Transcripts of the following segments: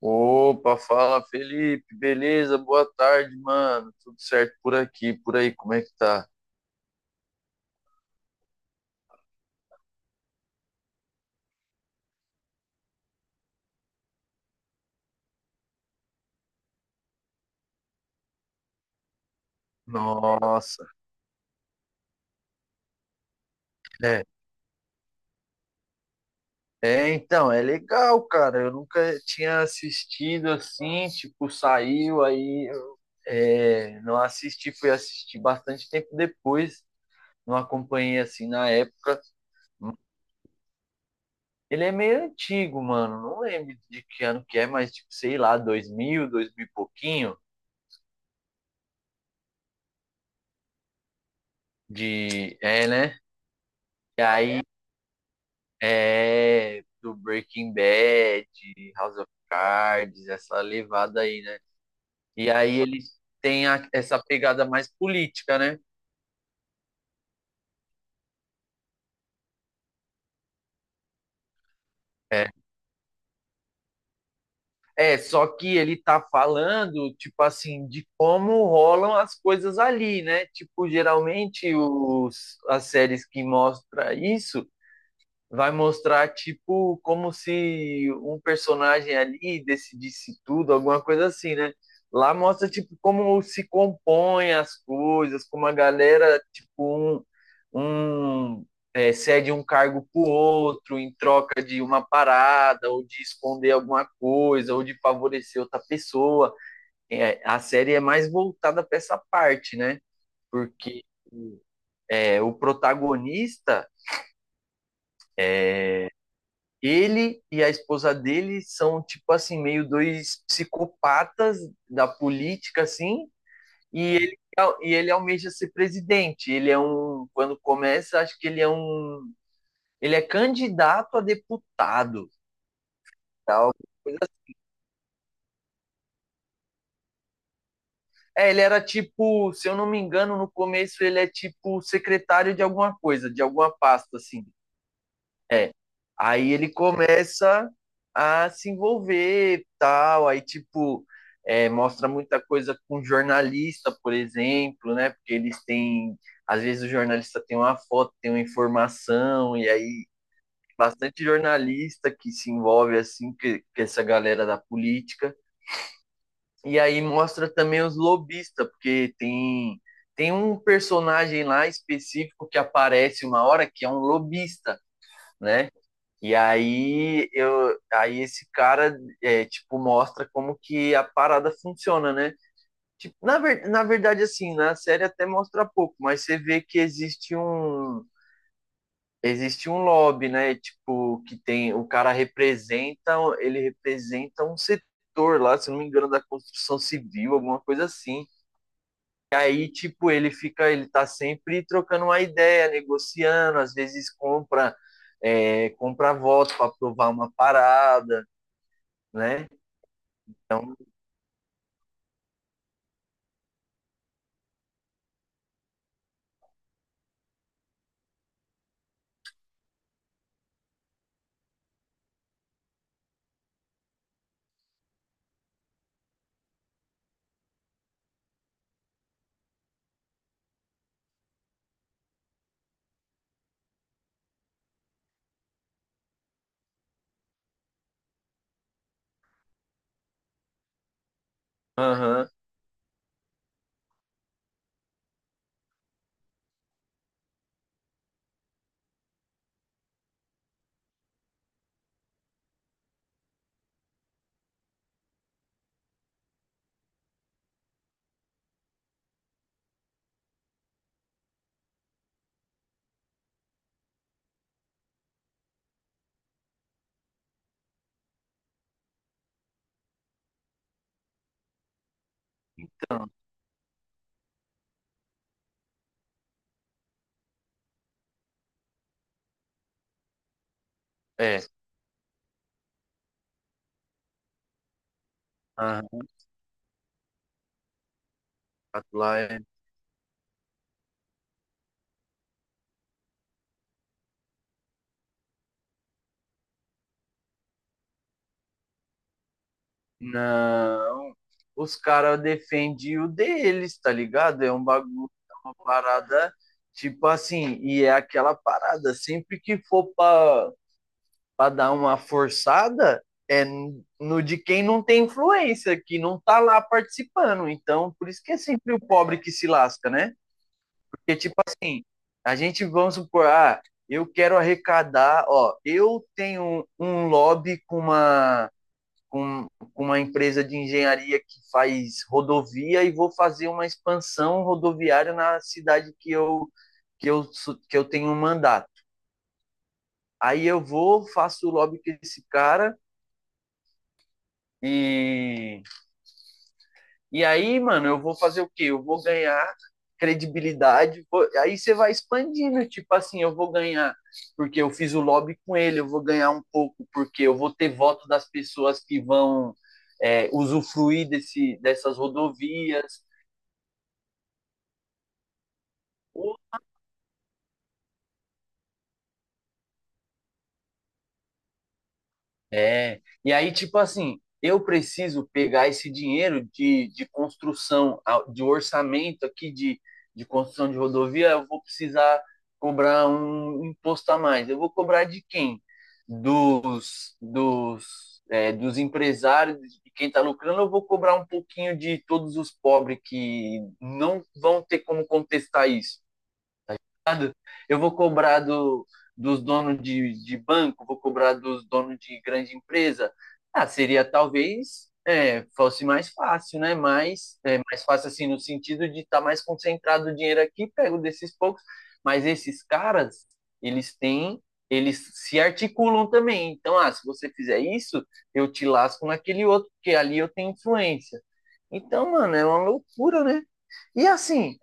Opa, fala Felipe, beleza? Boa tarde, mano. Tudo certo por aqui, por aí, como é que tá? Nossa, é. É, então, é legal, cara. Eu nunca tinha assistido assim, tipo, saiu aí, não assisti, fui assistir bastante tempo depois, não acompanhei assim na época. Ele é meio antigo, mano. Não lembro de que ano que é, mas tipo, sei lá, 2000, 2000 e pouquinho né? E aí é, do Breaking Bad, House of Cards, essa levada aí, né? E aí eles têm essa pegada mais política, né? É. É, só que ele tá falando, tipo assim, de como rolam as coisas ali, né? Tipo, geralmente as séries que mostram isso vai mostrar tipo como se um personagem ali decidisse tudo, alguma coisa assim, né? Lá mostra tipo como se compõem as coisas, como a galera tipo um cede um cargo pro outro em troca de uma parada ou de esconder alguma coisa ou de favorecer outra pessoa. É, a série é mais voltada para essa parte, né? Porque o protagonista. Ele e a esposa dele são, tipo assim, meio dois psicopatas da política, assim, e ele, e ele almeja ser presidente. Ele é um, quando começa, acho que ele é candidato a deputado, tal. Coisa assim. É, ele era tipo, se eu não me engano, no começo ele é tipo secretário de alguma coisa, de alguma pasta, assim. É. Aí ele começa a se envolver, tal, aí tipo mostra muita coisa com jornalista, por exemplo, né? Porque eles têm, às vezes o jornalista tem uma foto, tem uma informação, e aí bastante jornalista que se envolve assim que essa galera da política. E aí mostra também os lobistas, porque tem um personagem lá específico que aparece uma hora que é um lobista, né? E aí esse cara é, tipo mostra como que a parada funciona, né? Tipo, na verdade assim, na série até mostra pouco, mas você vê que existe um lobby, né? Tipo que tem o cara representa, ele representa um setor lá, se não me engano, da construção civil, alguma coisa assim. E aí tipo ele fica, ele tá sempre trocando uma ideia, negociando, às vezes comprar voto para aprovar uma parada, né? Então, aham, então é, aham. Fato lá é. Não. Os caras defendem o deles, tá ligado? É um bagulho, é uma parada, tipo assim, e é aquela parada, sempre pra dar uma forçada, é no de quem não tem influência, que não tá lá participando. Então, por isso que é sempre o pobre que se lasca, né? Porque, a gente, vamos supor, ah, eu quero arrecadar, ó, eu tenho um lobby com, com uma empresa de engenharia que faz rodovia e vou fazer uma expansão rodoviária na cidade que eu, que eu tenho um mandato. Aí eu vou, faço o lobby com esse cara e E aí, mano, eu vou fazer o quê? Eu vou ganhar credibilidade. Aí você vai expandindo, tipo assim, eu vou ganhar porque eu fiz o lobby com ele, eu vou ganhar um pouco porque eu vou ter voto das pessoas que vão usufruir dessas rodovias. É, e aí, tipo assim, eu preciso pegar esse dinheiro de construção, de orçamento aqui de construção de rodovia, eu vou precisar cobrar um imposto a mais. Eu vou cobrar de quem? Dos dos empresários, de quem está lucrando, eu vou cobrar um pouquinho de todos os pobres que não vão ter como contestar isso, tá ligado? Eu vou cobrar dos donos de banco, vou cobrar dos donos de grande empresa. Ah, seria talvez fosse mais fácil, né? Mas é, mais fácil assim no sentido de estar tá mais concentrado o dinheiro aqui, pego desses poucos. Mas esses caras, eles têm eles se articulam também. Então, ah, se você fizer isso, eu te lasco naquele outro, porque ali eu tenho influência. Então, mano, é uma loucura, né? E assim,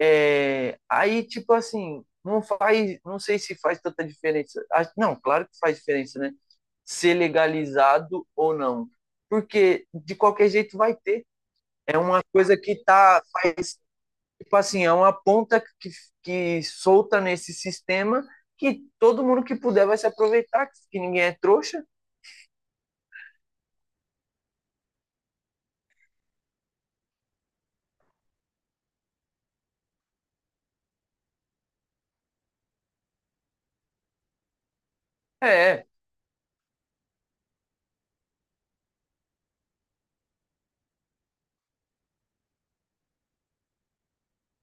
é, aí, tipo assim, não faz, não sei se faz tanta diferença. Ah, não, claro que faz diferença, né? Ser legalizado ou não. Porque de qualquer jeito vai ter. É uma coisa que tá, faz, tipo assim, é uma ponta que solta nesse sistema que todo mundo que puder vai se aproveitar, que ninguém é trouxa. É,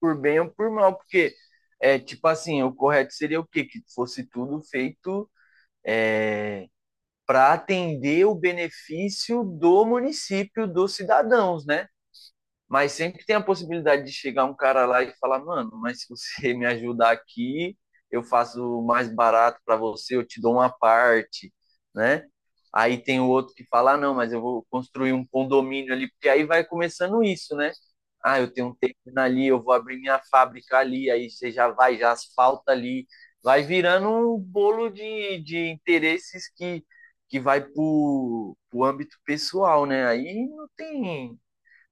por bem ou por mal, porque é tipo assim, o correto seria o quê? Que fosse tudo feito é, para atender o benefício do município, dos cidadãos, né? Mas sempre tem a possibilidade de chegar um cara lá e falar, mano, mas se você me ajudar aqui, eu faço mais barato para você, eu te dou uma parte, né? Aí tem o outro que fala, ah, não, mas eu vou construir um condomínio ali, porque aí vai começando isso, né? Ah, eu tenho um terreno ali, eu vou abrir minha fábrica ali, aí você já vai, já asfalta ali, vai virando um bolo de interesses que vai pro âmbito pessoal, né? Aí não tem,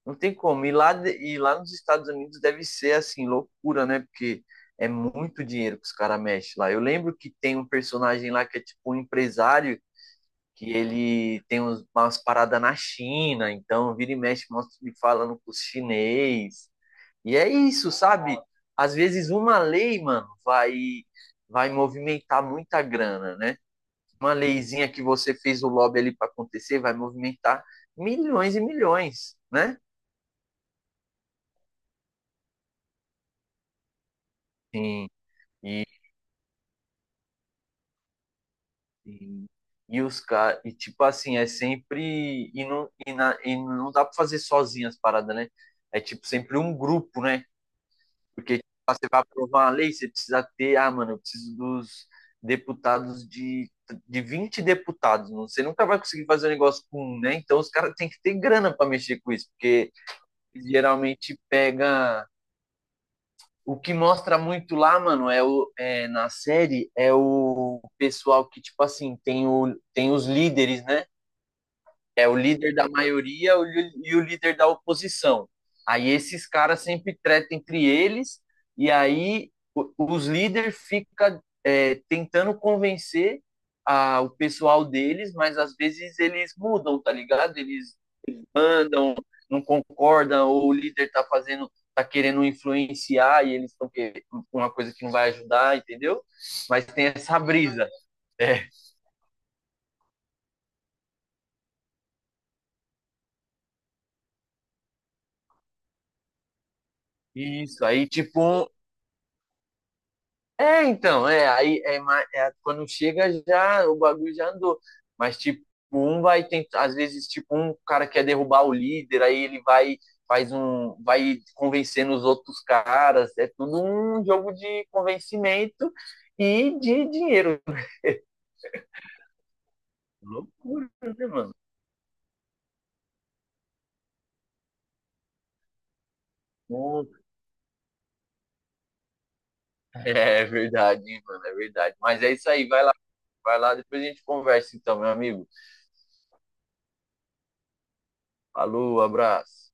não tem como. E lá, e lá nos Estados Unidos deve ser assim, loucura, né? Porque é muito dinheiro que os caras mexem lá. Eu lembro que tem um personagem lá que é tipo um empresário, que ele tem umas paradas na China, então vira e mexe, mostra ele falando com os chinês. E é isso, sabe? Às vezes uma lei, mano, vai, vai movimentar muita grana, né? Uma leizinha que você fez o lobby ali para acontecer vai movimentar milhões e milhões, né? Sim. E E, e os caras, e tipo assim, é sempre. E não dá pra fazer sozinho as paradas, né? É tipo sempre um grupo, né? Porque tipo, ah, você vai aprovar uma lei, você precisa ter, ah, mano, eu preciso dos deputados de 20 deputados. Você nunca vai conseguir fazer um negócio com um, né? Então os caras têm que ter grana pra mexer com isso, porque geralmente pega. O que mostra muito lá, mano, na série é o pessoal que, tipo assim, tem, o, tem os líderes, né? É o líder da maioria e o líder da oposição. Aí esses caras sempre tretam entre eles, e aí os líderes ficam tentando convencer o pessoal deles, mas às vezes eles mudam, tá ligado? Eles mandam, não concordam, ou o líder tá fazendo, tá querendo influenciar e eles estão querendo uma coisa que não vai ajudar, entendeu? Mas tem essa brisa. É, isso. Aí, tipo, é, então, é, é, quando chega já o bagulho já andou. Mas tipo, um vai tentar, às vezes tipo um cara quer derrubar o líder, aí ele vai faz um vai convencendo os outros caras, é tudo um jogo de convencimento e de dinheiro. Loucura, né, mano? Bom, é, é verdade, hein, mano, é verdade. Mas é isso aí, vai lá, depois a gente conversa então, meu amigo. Falou, abraço.